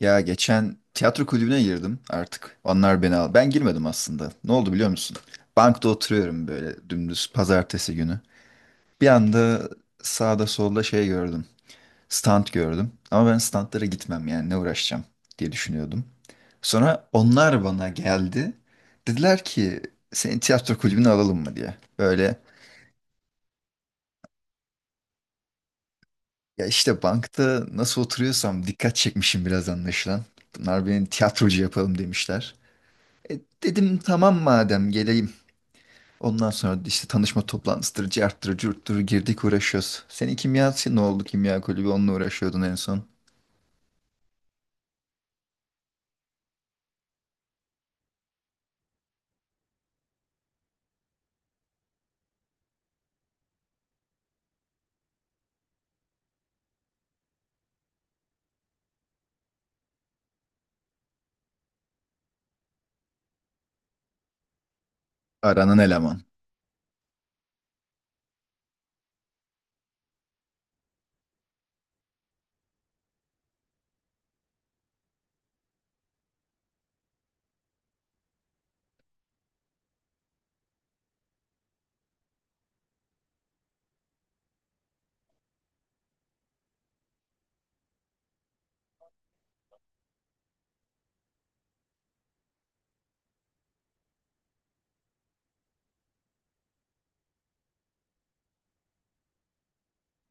Ya geçen tiyatro kulübüne girdim artık. Onlar beni al. Ben girmedim aslında. Ne oldu biliyor musun? Bankta oturuyorum böyle dümdüz pazartesi günü. Bir anda sağda solda şey gördüm. Stand gördüm. Ama ben standlara gitmem yani ne uğraşacağım diye düşünüyordum. Sonra onlar bana geldi. Dediler ki seni tiyatro kulübüne alalım mı diye. Böyle ya işte bankta nasıl oturuyorsam dikkat çekmişim biraz anlaşılan. Bunlar beni tiyatrocu yapalım demişler. Dedim tamam madem geleyim. Ondan sonra işte tanışma toplantısıdır, carttır, curttur girdik uğraşıyoruz. Senin kimyası ne oldu kimya kulübü onunla uğraşıyordun en son. Aranan eleman.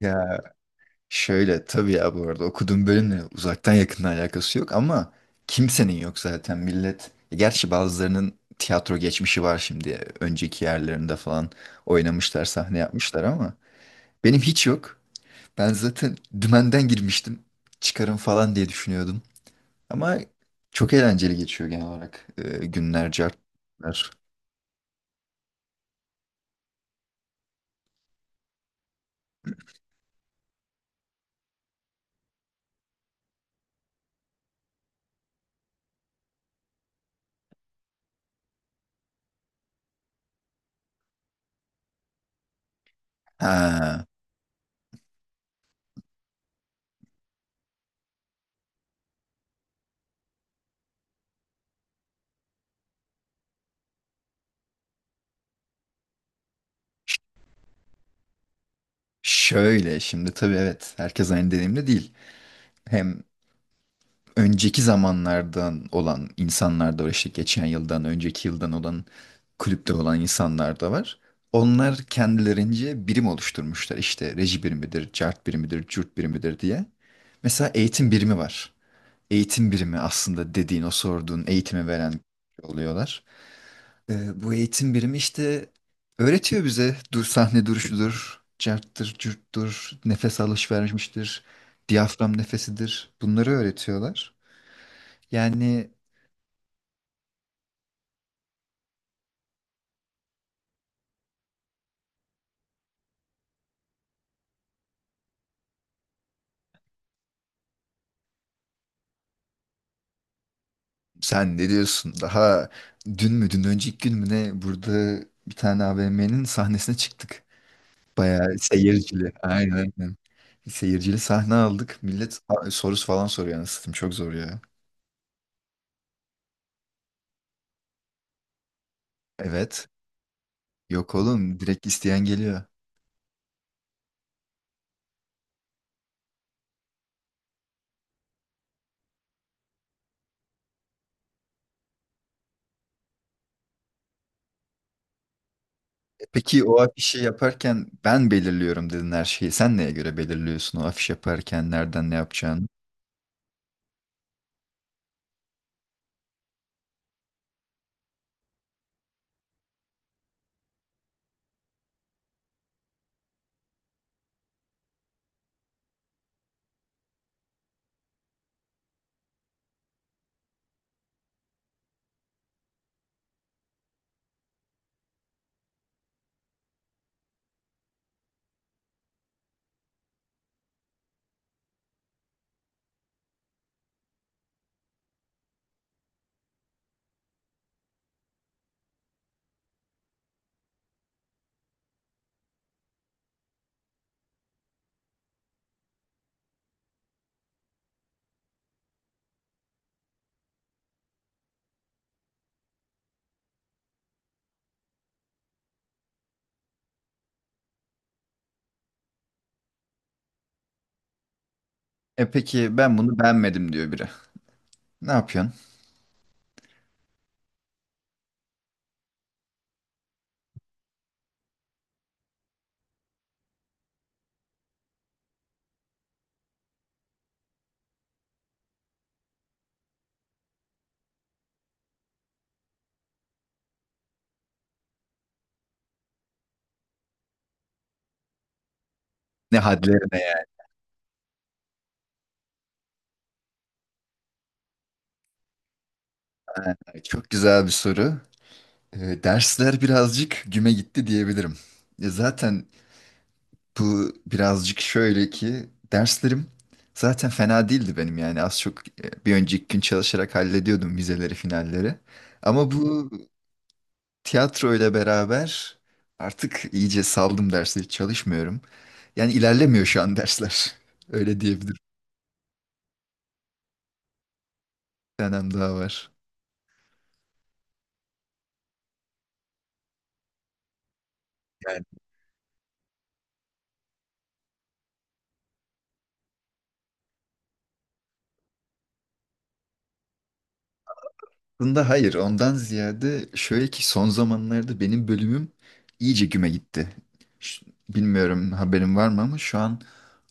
Ya şöyle tabii ya bu arada okuduğum bölümle uzaktan yakından alakası yok ama kimsenin yok zaten millet. Gerçi bazılarının tiyatro geçmişi var şimdi. Önceki yerlerinde falan oynamışlar, sahne yapmışlar ama benim hiç yok. Ben zaten dümenden girmiştim. Çıkarım falan diye düşünüyordum. Ama çok eğlenceli geçiyor genel olarak günler, cartlar. Ha, şöyle şimdi tabii evet herkes aynı deneyimde değil. Hem önceki zamanlardan olan insanlar da var işte geçen yıldan, önceki yıldan olan kulüpte olan insanlar da var. Onlar kendilerince birim oluşturmuşlar işte reji birimidir, cart birimidir, cürt birimidir diye. Mesela eğitim birimi var. Eğitim birimi aslında dediğin o sorduğun eğitimi veren oluyorlar. Bu eğitim birimi işte öğretiyor bize dur sahne duruşudur, carttır, cürttür, nefes alış vermiştir, diyafram nefesidir. Bunları öğretiyorlar. Yani sen ne diyorsun? Daha dün mü, dün önceki gün mü ne burada bir tane AVM'nin sahnesine çıktık. Bayağı seyircili. Aynen aynen. Seyircili sahne aldık. Millet sorusu falan soruyor anasını satayım. Çok zor ya. Evet. Yok oğlum direkt isteyen geliyor. Peki o afişi yaparken ben belirliyorum dedin her şeyi. Sen neye göre belirliyorsun o afiş yaparken nereden ne yapacağını? E peki ben bunu beğenmedim diyor biri. Ne yapıyorsun? Ne hadlerine yani? Çok güzel bir soru. Dersler birazcık güme gitti diyebilirim. Zaten bu birazcık şöyle ki derslerim zaten fena değildi benim yani az çok bir önceki gün çalışarak hallediyordum vizeleri, finalleri. Ama bu tiyatro ile beraber artık iyice saldım dersleri çalışmıyorum. Yani ilerlemiyor şu an dersler. Öyle diyebilirim. Bir tanem daha var. Yani aslında hayır, ondan ziyade şöyle ki son zamanlarda benim bölümüm iyice güme gitti. Bilmiyorum haberin var mı ama şu an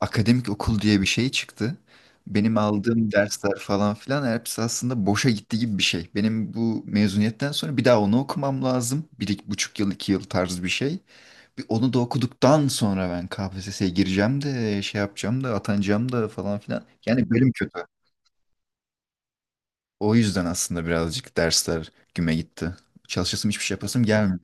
akademik okul diye bir şey çıktı. Benim aldığım dersler falan filan hepsi aslında boşa gitti gibi bir şey. Benim bu mezuniyetten sonra bir daha onu okumam lazım. Bir iki buçuk yıl iki yıl tarzı bir şey. Bir onu da okuduktan sonra ben KPSS'ye gireceğim de şey yapacağım da atanacağım da falan filan. Yani bölüm kötü. O yüzden aslında birazcık dersler güme gitti. Çalışasım hiçbir şey yapasım gelmiyor.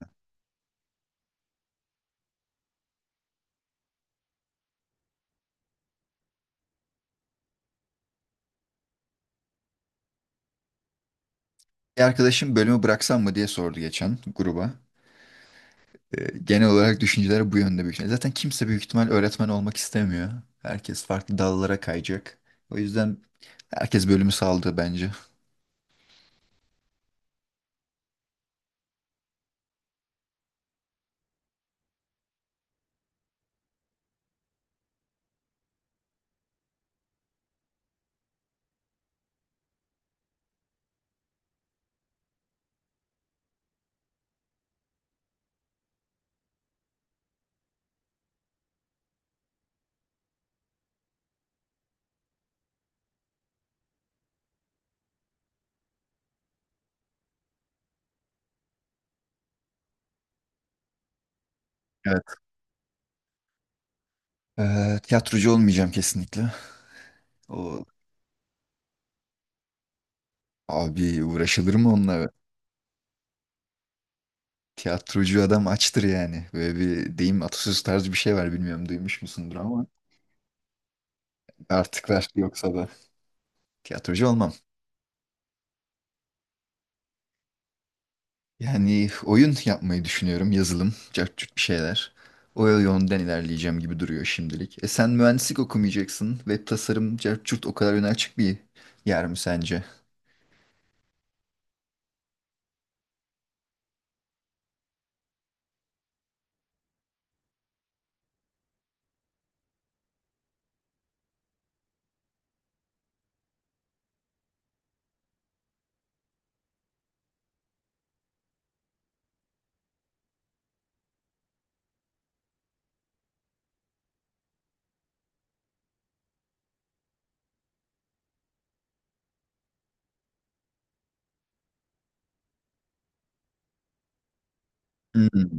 Bir arkadaşım bölümü bıraksam mı diye sordu geçen gruba. Genel olarak düşünceler bu yönde büyük ihtimal. Zaten kimse büyük ihtimal öğretmen olmak istemiyor. Herkes farklı dallara kayacak. O yüzden herkes bölümü saldı bence. Evet. Tiyatrocu olmayacağım kesinlikle. O abi uğraşılır mı onunla? Tiyatrocu adam açtır yani. Böyle bir deyim atasöz tarzı bir şey var, bilmiyorum duymuş musundur ama artık artıklar yoksa da tiyatrocu olmam. Yani oyun yapmayı düşünüyorum, yazılım, cart curt bir şeyler. O yönden ilerleyeceğim gibi duruyor şimdilik. E sen mühendislik okumayacaksın. Web tasarım, cart curt o kadar öne açık bir yer mi sence? Hmm.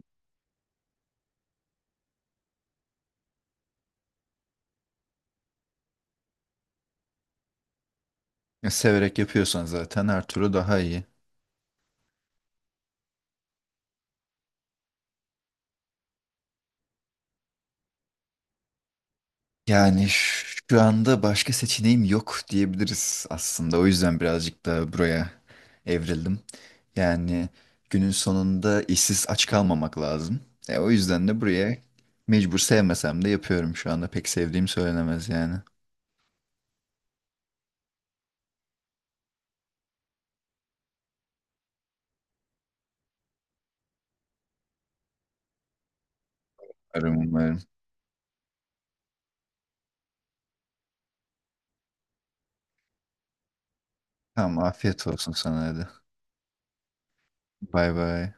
Severek yapıyorsan zaten her türlü daha iyi. Yani şu anda başka seçeneğim yok diyebiliriz aslında. O yüzden birazcık da buraya evrildim. Yani günün sonunda işsiz aç kalmamak lazım. O yüzden de buraya mecbur sevmesem de yapıyorum şu anda. Pek sevdiğim söylenemez yani. Umarım. Tamam afiyet olsun sana hadi. Bay bay.